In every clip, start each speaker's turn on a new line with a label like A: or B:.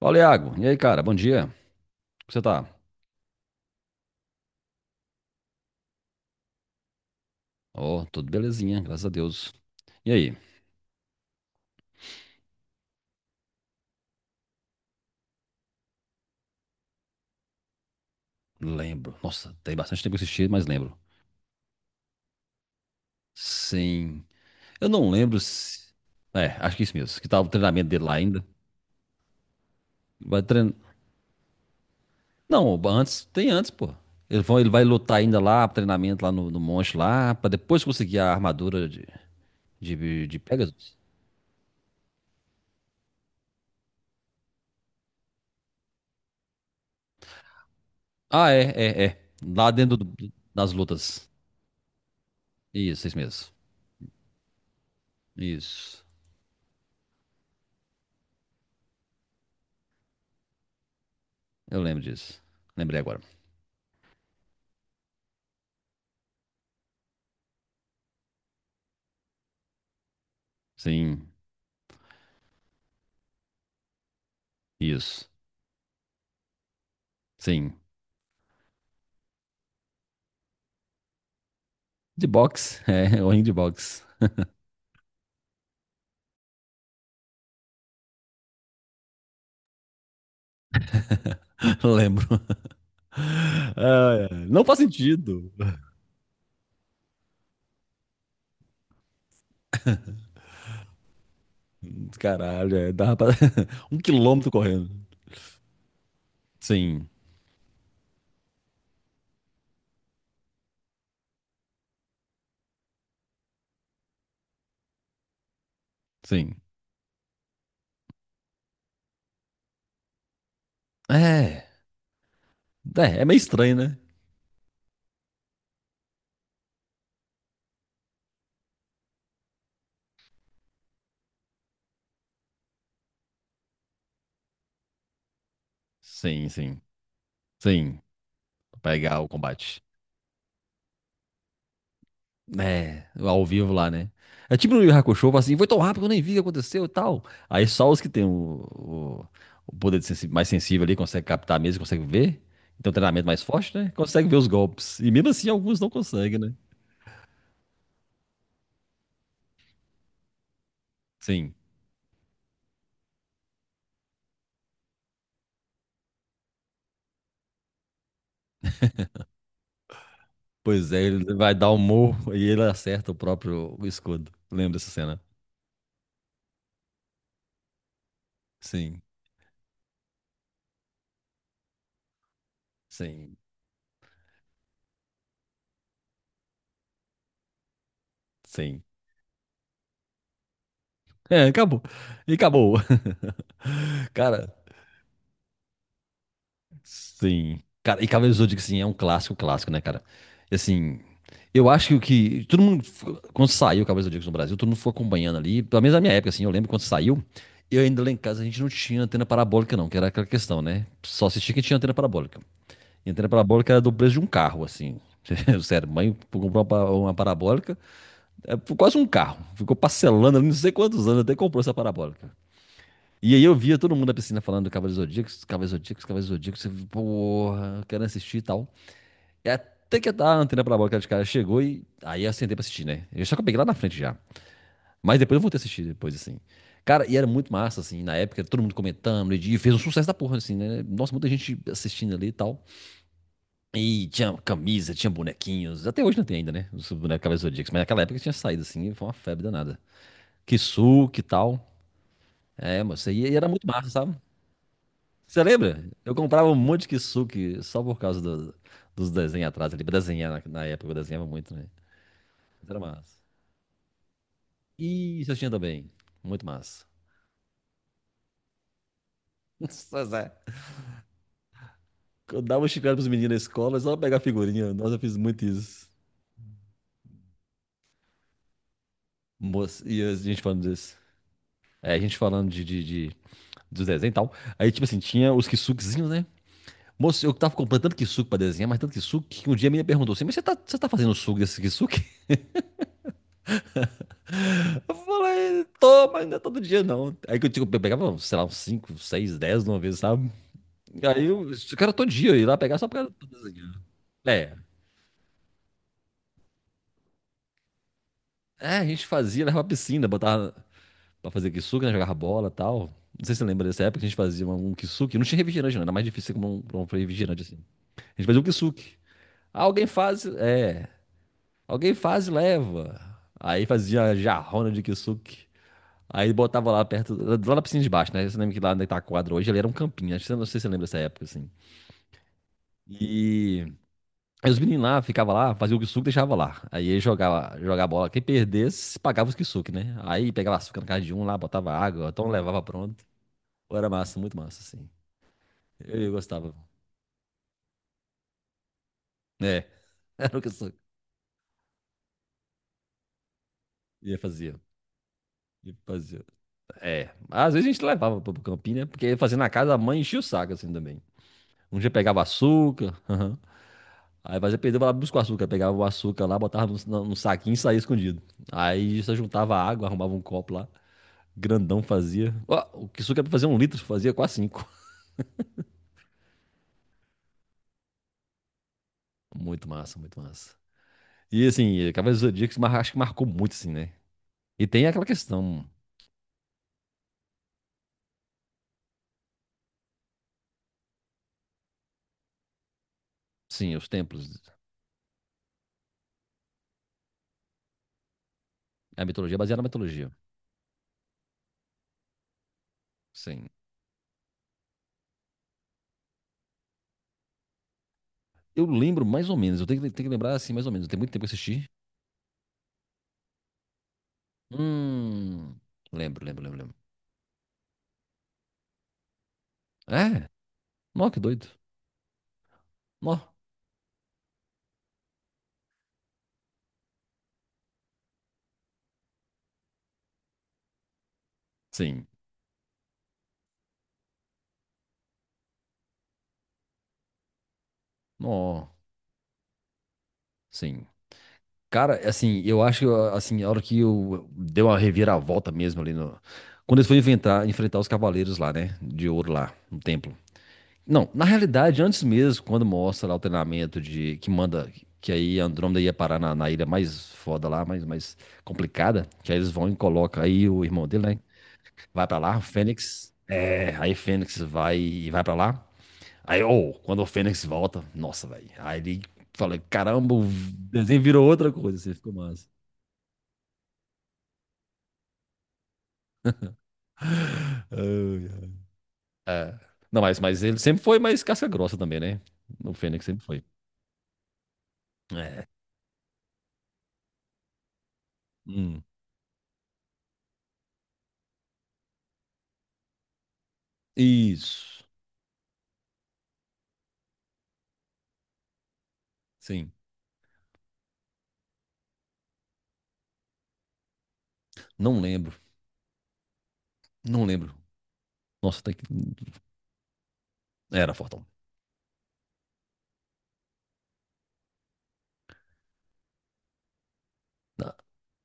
A: Fala, Iago. E aí, cara? Bom dia. Como você tá? Ó, tudo belezinha, graças a Deus. E aí? Lembro. Nossa, tem bastante tempo que eu assisti, mas lembro. Sim. Eu não lembro se... É, acho que é isso mesmo. Que tava o treinamento dele lá ainda. Vai treinar... Não, antes. Tem antes, pô. Ele vai lutar ainda lá, treinamento lá no monte lá, pra depois conseguir a armadura de Pegasus. Ah, é, é, é. Lá dentro das lutas. Isso mesmo. Isso. Eu lembro disso. Lembrei agora. Sim. Isso. Sim. De boxe, é, o ringue de boxe. Lembro. Ah, é. Não faz sentido. Caralho, é, dava pra... um quilômetro correndo. Sim, sim. É, é meio estranho, né? Sim, sim, sim. Pegar o combate. É, ao vivo lá, né? É tipo no Yu Yu Hakusho, fala assim, foi tão rápido que eu nem vi o que aconteceu e tal. Aí só os que têm o- o poder de mais sensível ali conseguem captar mesmo, conseguem ver. Então, treinamento mais forte, né? Consegue ver os golpes. E mesmo assim, alguns não conseguem, né? Sim. Pois é, ele vai dar um morro e ele acerta o próprio escudo. Lembra dessa cena? Sim, sim, sim. É, acabou. E acabou. Cara, sim. Cara, e Cavaleiros do Zodíaco, assim, é um clássico, clássico, né, cara? E, assim, eu acho que o que. Todo mundo. Quando saiu o Cavaleiros do Zodíaco no Brasil, todo mundo foi acompanhando ali. Pelo menos na minha época, assim, eu lembro quando saiu. Eu ainda lá em casa a gente não tinha antena parabólica, não, que era aquela questão, né? Só assistia quem tinha antena parabólica. E a antena parabólica era do preço de um carro, assim. Sério, mãe comprou uma, uma parabólica, é, por quase um carro. Ficou parcelando ali não sei quantos anos até comprou essa parabólica. E aí eu via todo mundo na piscina falando do Cavaleiros Zodíacos, Cavaleiros Zodíacos, Cavaleiros Zodíacos, você porra, eu quero assistir e tal. E até que a antena parabólica de cara chegou e aí eu sentei pra assistir, né? Eu só que eu peguei lá na frente já. Mas depois eu voltei a assistir depois, assim. Cara, e era muito massa, assim, na época, todo mundo comentando, e fez um sucesso da porra, assim, né? Nossa, muita gente assistindo ali e tal. E tinha camisa, tinha bonequinhos, até hoje não tem ainda, né? Os bonecos Cavaleiros Zodíacos, mas naquela época tinha saído, assim, e foi uma febre danada. Kisuke e tal. É, mas isso aí era muito massa, sabe? Você lembra? Eu comprava um monte de kisuke só por causa dos desenhos atrás ali. Pra desenhar na época, eu desenhava muito, né? Mas era massa. E você tinha também. Muito massa. Pois é. Eu dava um chiclete pros meninos na escola, só pra pegar a figurinha. Nossa, eu fiz muito isso. Moça, e a gente falando disso. É, a gente falando de, dos desenhos e tal. Aí, tipo assim, tinha os kisukezinhos, né? Moço, eu tava comprando tanto kisuke pra desenhar, mas tanto kisuke, que um dia a menina perguntou assim, mas você tá fazendo suco desse kisuke? Eu falei, toma, ainda todo dia não. Aí que eu, digo, eu pegava, sei lá, uns 5 6 10 de uma vez, sabe? Aí eu cara todo dia, eu ia lá pegar só pra desenhar. É, é, a gente fazia, levava pra piscina, botava pra fazer kisuke, né? Jogava bola e tal. Não sei se você lembra dessa época que a gente fazia um kisuke. Não tinha refrigerante, não, era mais difícil como um, pra um refrigerante assim. A gente fazia um kisuke. Ah, alguém faz, é, alguém faz e leva. Aí fazia jarrona de kisuke. Aí botava lá perto, lá na piscina de baixo, né? Você lembra que lá onde tá a quadra hoje, ele era um campinho, acho que não sei se você lembra dessa época, assim. E aí os meninos lá ficavam lá, faziam o kisuke e deixava lá. Aí ele jogava, jogava bola. Quem perdesse, pagava os kisuke, né? Aí pegava açúcar na casa de um lá, botava água, então levava pronto. Pô, era massa, muito massa, assim. Eu gostava. É, era o kisuke. E eu fazia. E fazia. É. Às vezes a gente levava pro campinho, né? Porque fazia na casa, a mãe enchia o saco, assim, também. Um dia pegava açúcar. Aí fazia perdeu, vai lá buscar o açúcar. Pegava o açúcar lá, botava num saquinho e saía escondido. Aí só juntava água, arrumava um copo lá. Grandão fazia. Ó, o que suco era pra fazer um litro, fazia quase cinco. Muito massa, muito massa. E assim, Cavaleiros do Zodíaco acho que marcou muito, assim, né? E tem aquela questão, sim, os templos. A mitologia é baseada na mitologia. Sim. Eu lembro mais ou menos, eu tenho que, lembrar assim, mais ou menos. Tem muito tempo que eu assisti. Hum. Lembro, lembro, lembro, lembro. É? Nó, que doido. Nó. Sim. Nó. Sim. Cara, assim, eu acho que assim, a hora que eu dei uma reviravolta mesmo ali no. Quando eles foram enfrentar, enfrentar os cavaleiros lá, né? De ouro lá, no templo. Não, na realidade, antes mesmo, quando mostra lá o treinamento de. Que manda. Que aí Andrômeda ia parar na ilha mais foda lá, mais complicada. Que aí eles vão e colocam. Aí o irmão dele, né? Vai pra lá, o Fênix. É, aí Fênix vai e vai pra lá. Aí, ô, quando o Fênix volta, nossa, velho. Aí ele fala, caramba, o desenho virou outra coisa, assim, ficou massa. Ai, ai. É. Não, mas ele sempre foi mais casca grossa também, né? O Fênix sempre foi. É. Hum. Isso. Sim. Não lembro. Não lembro. Nossa, tem que. Era fortão. Tá.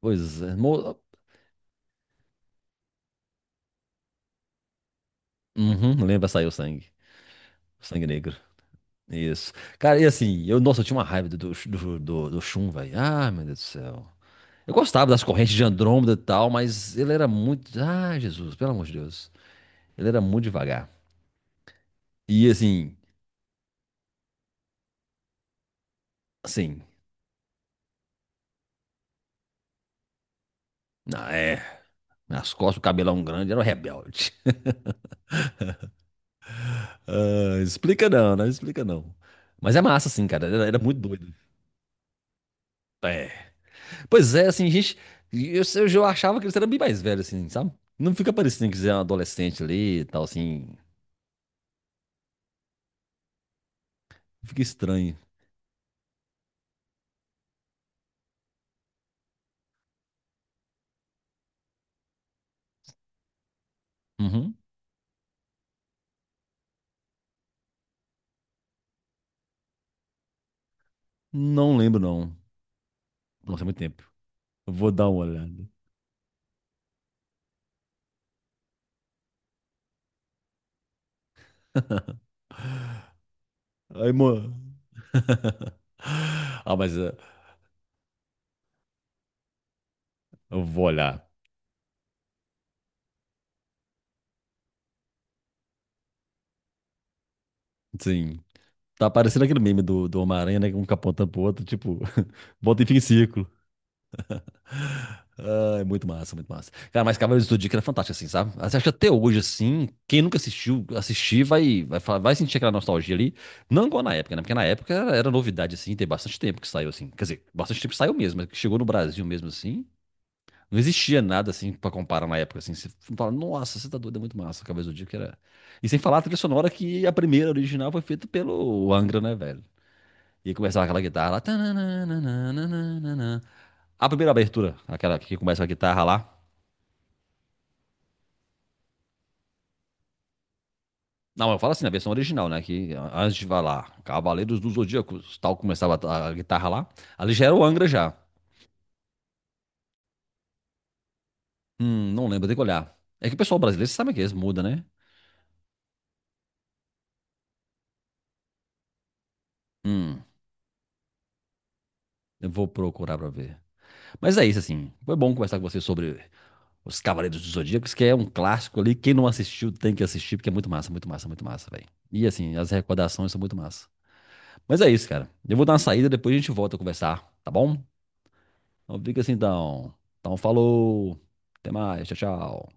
A: Pois é. Mo... Uhum, lembra, saiu o sangue. O sangue negro. Isso. Cara, e assim, eu, nossa, eu tinha uma raiva do Shun, velho. Ah, meu Deus do céu. Eu gostava das correntes de Andrômeda e tal, mas ele era muito. Ah, Jesus, pelo amor de Deus. Ele era muito devagar. E assim, assim. Ah, É Nas costas, o cabelão grande, era um rebelde. Ah, explica não, não explica não. Mas é massa, assim, cara. Era muito doido. É. Pois é, assim, gente. Eu achava que eles eram bem mais velhos, assim, sabe? Não fica parecendo que eles eram adolescente ali e tal, assim. Fica estranho. Uhum. Não lembro, não. Nossa, é muito tempo. Eu vou dar uma olhada. Aí, mano. Ah, mas eu vou olhar. Sim. Tá parecendo aquele meme do Homem-Aranha, né? Um capotando pro outro, tipo, volta e fica em círculo. Ah, é muito massa, muito massa. Cara, mas Cavaleiros do Zodíaco era fantástico, assim, sabe? Você acha que até hoje, assim, quem nunca assistiu, assistir, vai sentir aquela nostalgia ali. Não igual na época, né? Porque na época era, novidade, assim, tem bastante tempo que saiu, assim. Quer dizer, bastante tempo que saiu mesmo, mas que chegou no Brasil mesmo, assim. Não existia nada, assim, pra comparar na época, assim. Você fala, nossa, você tá doido, é muito massa. Cavaleiros do Zodíaco era... E sem falar a trilha sonora que a primeira original foi feita pelo Angra, né, velho? E começava aquela guitarra lá. Tananana. A primeira abertura, aquela que começa com a guitarra lá. Não, eu falo assim, na versão original, né? Que antes de falar, Cavaleiros do Zodíaco, tal, começava a guitarra lá. Ali já era o Angra já. Não lembro, tem que olhar. É que o pessoal brasileiro, você sabe que eles mudam, né? Hum, eu vou procurar pra ver. Mas é isso, assim. Foi bom conversar com você sobre os Cavaleiros do Zodíaco, que é um clássico ali. Quem não assistiu tem que assistir, porque é muito massa, muito massa, muito massa, velho. E assim, as recordações são muito massa. Mas é isso, cara. Eu vou dar uma saída, depois a gente volta a conversar, tá bom? Então fica assim, então. Então falou. Até mais, tchau, tchau.